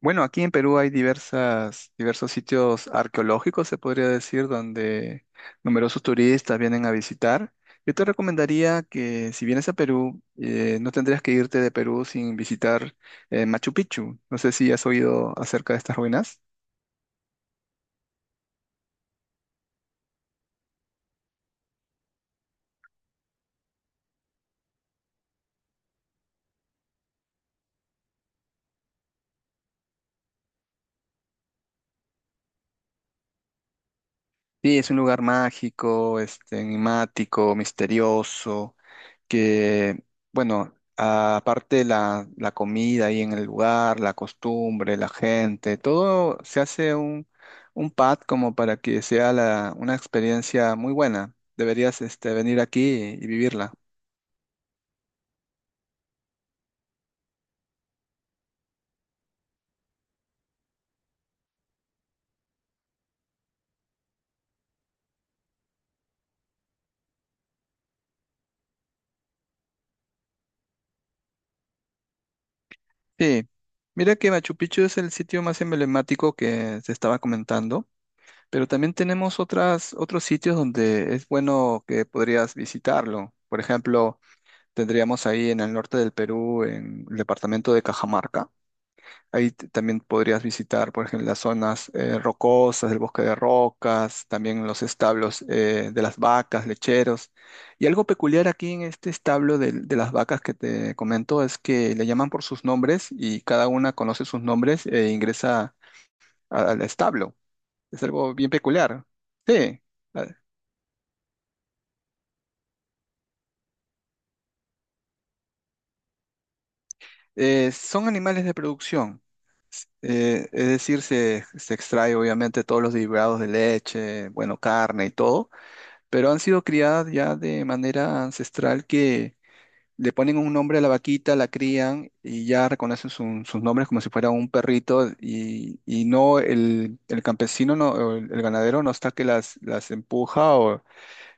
Bueno, aquí en Perú hay diversos sitios arqueológicos, se podría decir, donde numerosos turistas vienen a visitar. Yo te recomendaría que si vienes a Perú, no tendrías que irte de Perú sin visitar Machu Picchu. No sé si has oído acerca de estas ruinas. Sí, es un lugar mágico, este, enigmático, misterioso. Que, bueno, aparte la comida ahí en el lugar, la costumbre, la gente, todo se hace un pad como para que sea una experiencia muy buena. Deberías este, venir aquí y vivirla. Sí, mira que Machu Picchu es el sitio más emblemático que se estaba comentando, pero también tenemos otros sitios donde es bueno que podrías visitarlo. Por ejemplo, tendríamos ahí en el norte del Perú, en el departamento de Cajamarca. Ahí también podrías visitar, por ejemplo, las zonas rocosas del bosque de rocas, también los establos de las vacas, lecheros. Y algo peculiar aquí en este establo de las vacas que te comento es que le llaman por sus nombres y cada una conoce sus nombres e ingresa al establo. Es algo bien peculiar. Sí, a- son animales de producción. Es decir, se extrae obviamente todos los derivados de leche, bueno, carne y todo, pero han sido criadas ya de manera ancestral que le ponen un nombre a la vaquita, la crían y ya reconocen sus nombres como si fuera un perrito, y no el campesino, no, o el ganadero no está que las empuja o,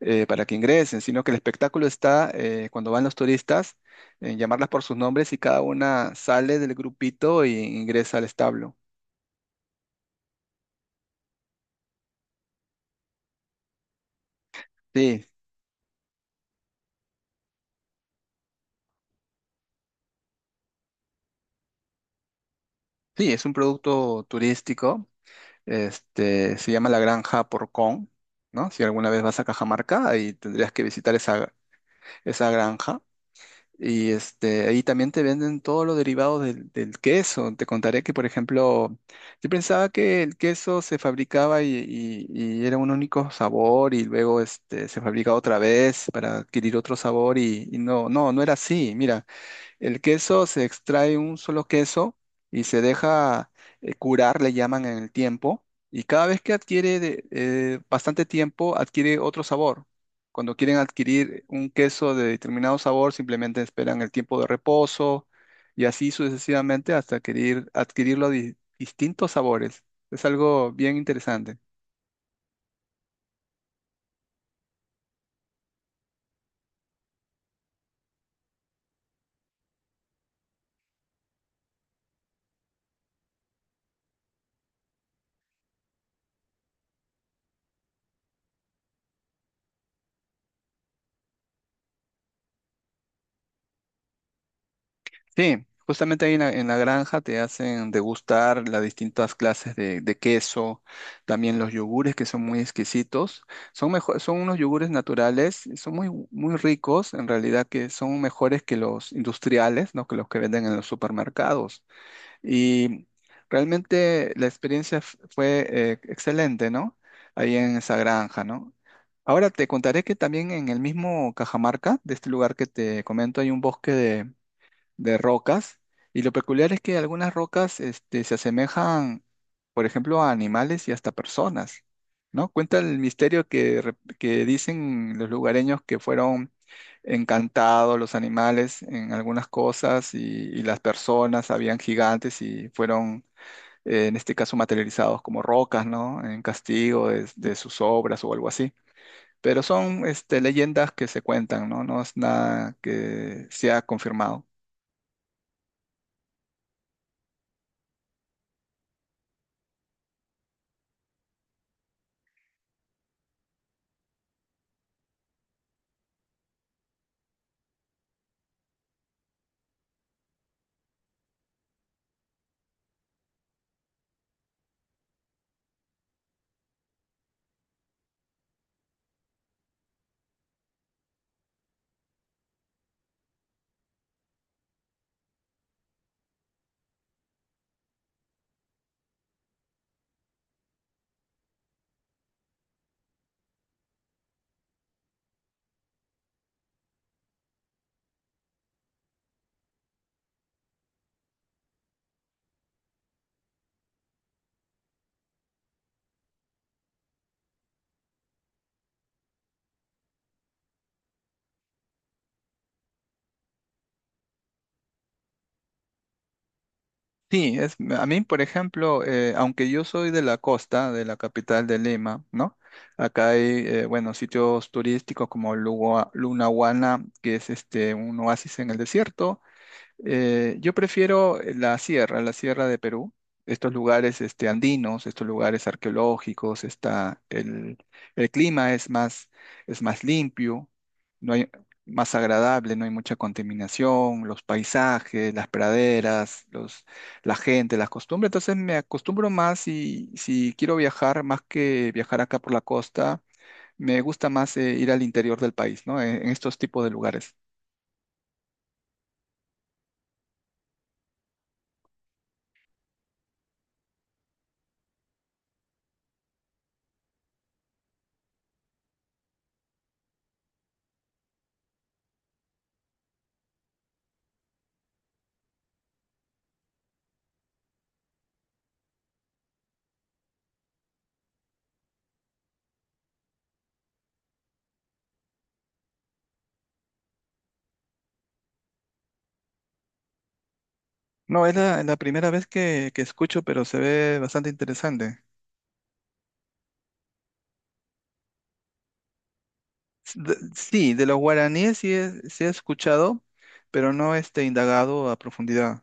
para que ingresen, sino que el espectáculo está cuando van los turistas en llamarlas por sus nombres y cada una sale del grupito e ingresa al establo. Sí, sí, es un producto turístico. Este, se llama la Granja Porcón, ¿no? Si alguna vez vas a Cajamarca, ahí tendrías que visitar esa, esa granja. Y este, ahí también te venden todos los derivados del queso. Te contaré que, por ejemplo, yo pensaba que el queso se fabricaba y era un único sabor y luego este, se fabrica otra vez para adquirir otro sabor y, no, no, no era así. Mira. El queso se extrae un solo queso y se deja curar, le llaman en el tiempo, y cada vez que adquiere bastante tiempo, adquiere otro sabor. Cuando quieren adquirir un queso de determinado sabor, simplemente esperan el tiempo de reposo y así sucesivamente hasta adquirirlo de distintos sabores. Es algo bien interesante. Sí, justamente ahí en en la granja te hacen degustar las distintas clases de queso, también los yogures que son muy exquisitos. Son mejor, son unos yogures naturales, son muy ricos, en realidad, que son mejores que los industriales, ¿no? Que los que venden en los supermercados. Y realmente la experiencia fue excelente, ¿no? Ahí en esa granja, ¿no? Ahora te contaré que también en el mismo Cajamarca, de este lugar que te comento, hay un bosque de rocas. Y lo peculiar es que algunas rocas este, se asemejan, por ejemplo, a animales y hasta personas, ¿no? Cuenta el misterio que, que dicen los lugareños que fueron encantados los animales en algunas cosas, y las personas habían gigantes y fueron, en este caso, materializados como rocas, ¿no? En castigo de sus obras o algo así. Pero son este, leyendas que se cuentan, ¿no? No es nada que sea confirmado. Sí, es, a mí, por ejemplo, aunque yo soy de la costa, de la capital de Lima, ¿no? Acá hay, bueno, sitios turísticos como Lunahuana, que es este, un oasis en el desierto. Yo prefiero la sierra de Perú, estos lugares este, andinos, estos lugares arqueológicos, está el clima es más limpio, no hay, más agradable, no hay mucha contaminación, los paisajes, las praderas, los, la gente, las costumbres. Entonces me acostumbro más y si quiero viajar, más que viajar acá por la costa, me gusta más ir al interior del país, ¿no? En estos tipos de lugares. No, es la primera vez que escucho, pero se ve bastante interesante. Sí, de los guaraníes sí, sí he escuchado, pero no este, indagado a profundidad.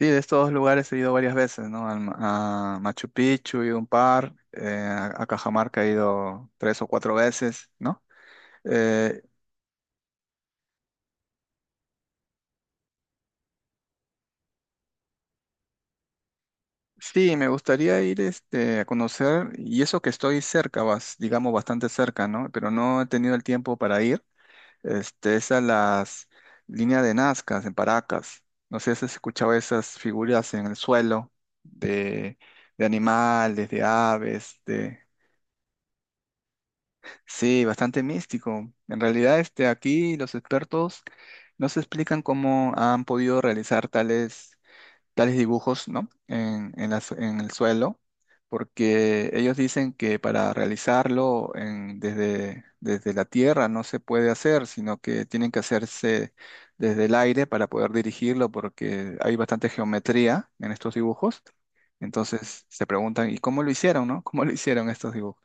Sí, de estos lugares he ido varias veces, ¿no? A Machu Picchu he ido un par, a Cajamarca he ido tres o cuatro veces, ¿no? Eh, sí, me gustaría ir este, a conocer, y eso que estoy cerca, digamos bastante cerca, ¿no? Pero no he tenido el tiempo para ir. Este, esas las líneas de Nazca en Paracas. No sé si has escuchado esas figuras en el suelo de, de animales, de aves, de... Sí, bastante místico. En realidad, este, aquí los expertos no se explican cómo han podido realizar tales tales dibujos, ¿no? En en el suelo, porque ellos dicen que para realizarlo desde, desde la tierra no se puede hacer, sino que tienen que hacerse desde el aire para poder dirigirlo, porque hay bastante geometría en estos dibujos. Entonces se preguntan, ¿y cómo lo hicieron, no? ¿Cómo lo hicieron estos dibujos?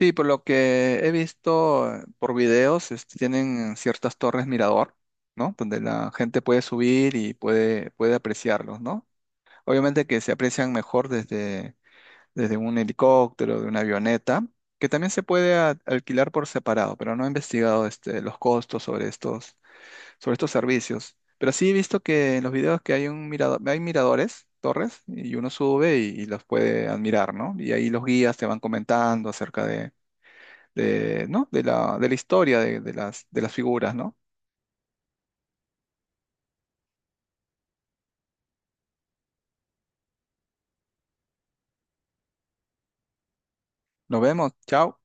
Sí, por lo que he visto por videos, este, tienen ciertas torres mirador, ¿no? Donde la gente puede subir y puede, puede apreciarlos, ¿no? Obviamente que se aprecian mejor desde, desde un helicóptero, de una avioneta, que también se puede alquilar por separado, pero no he investigado este, los costos sobre estos servicios. Pero sí he visto que en los videos que hay un mirador, hay miradores, torres, y uno sube y los puede admirar, ¿no? Y ahí los guías te van comentando acerca de, ¿no? De la historia de, de las figuras, ¿no? Nos vemos, chao.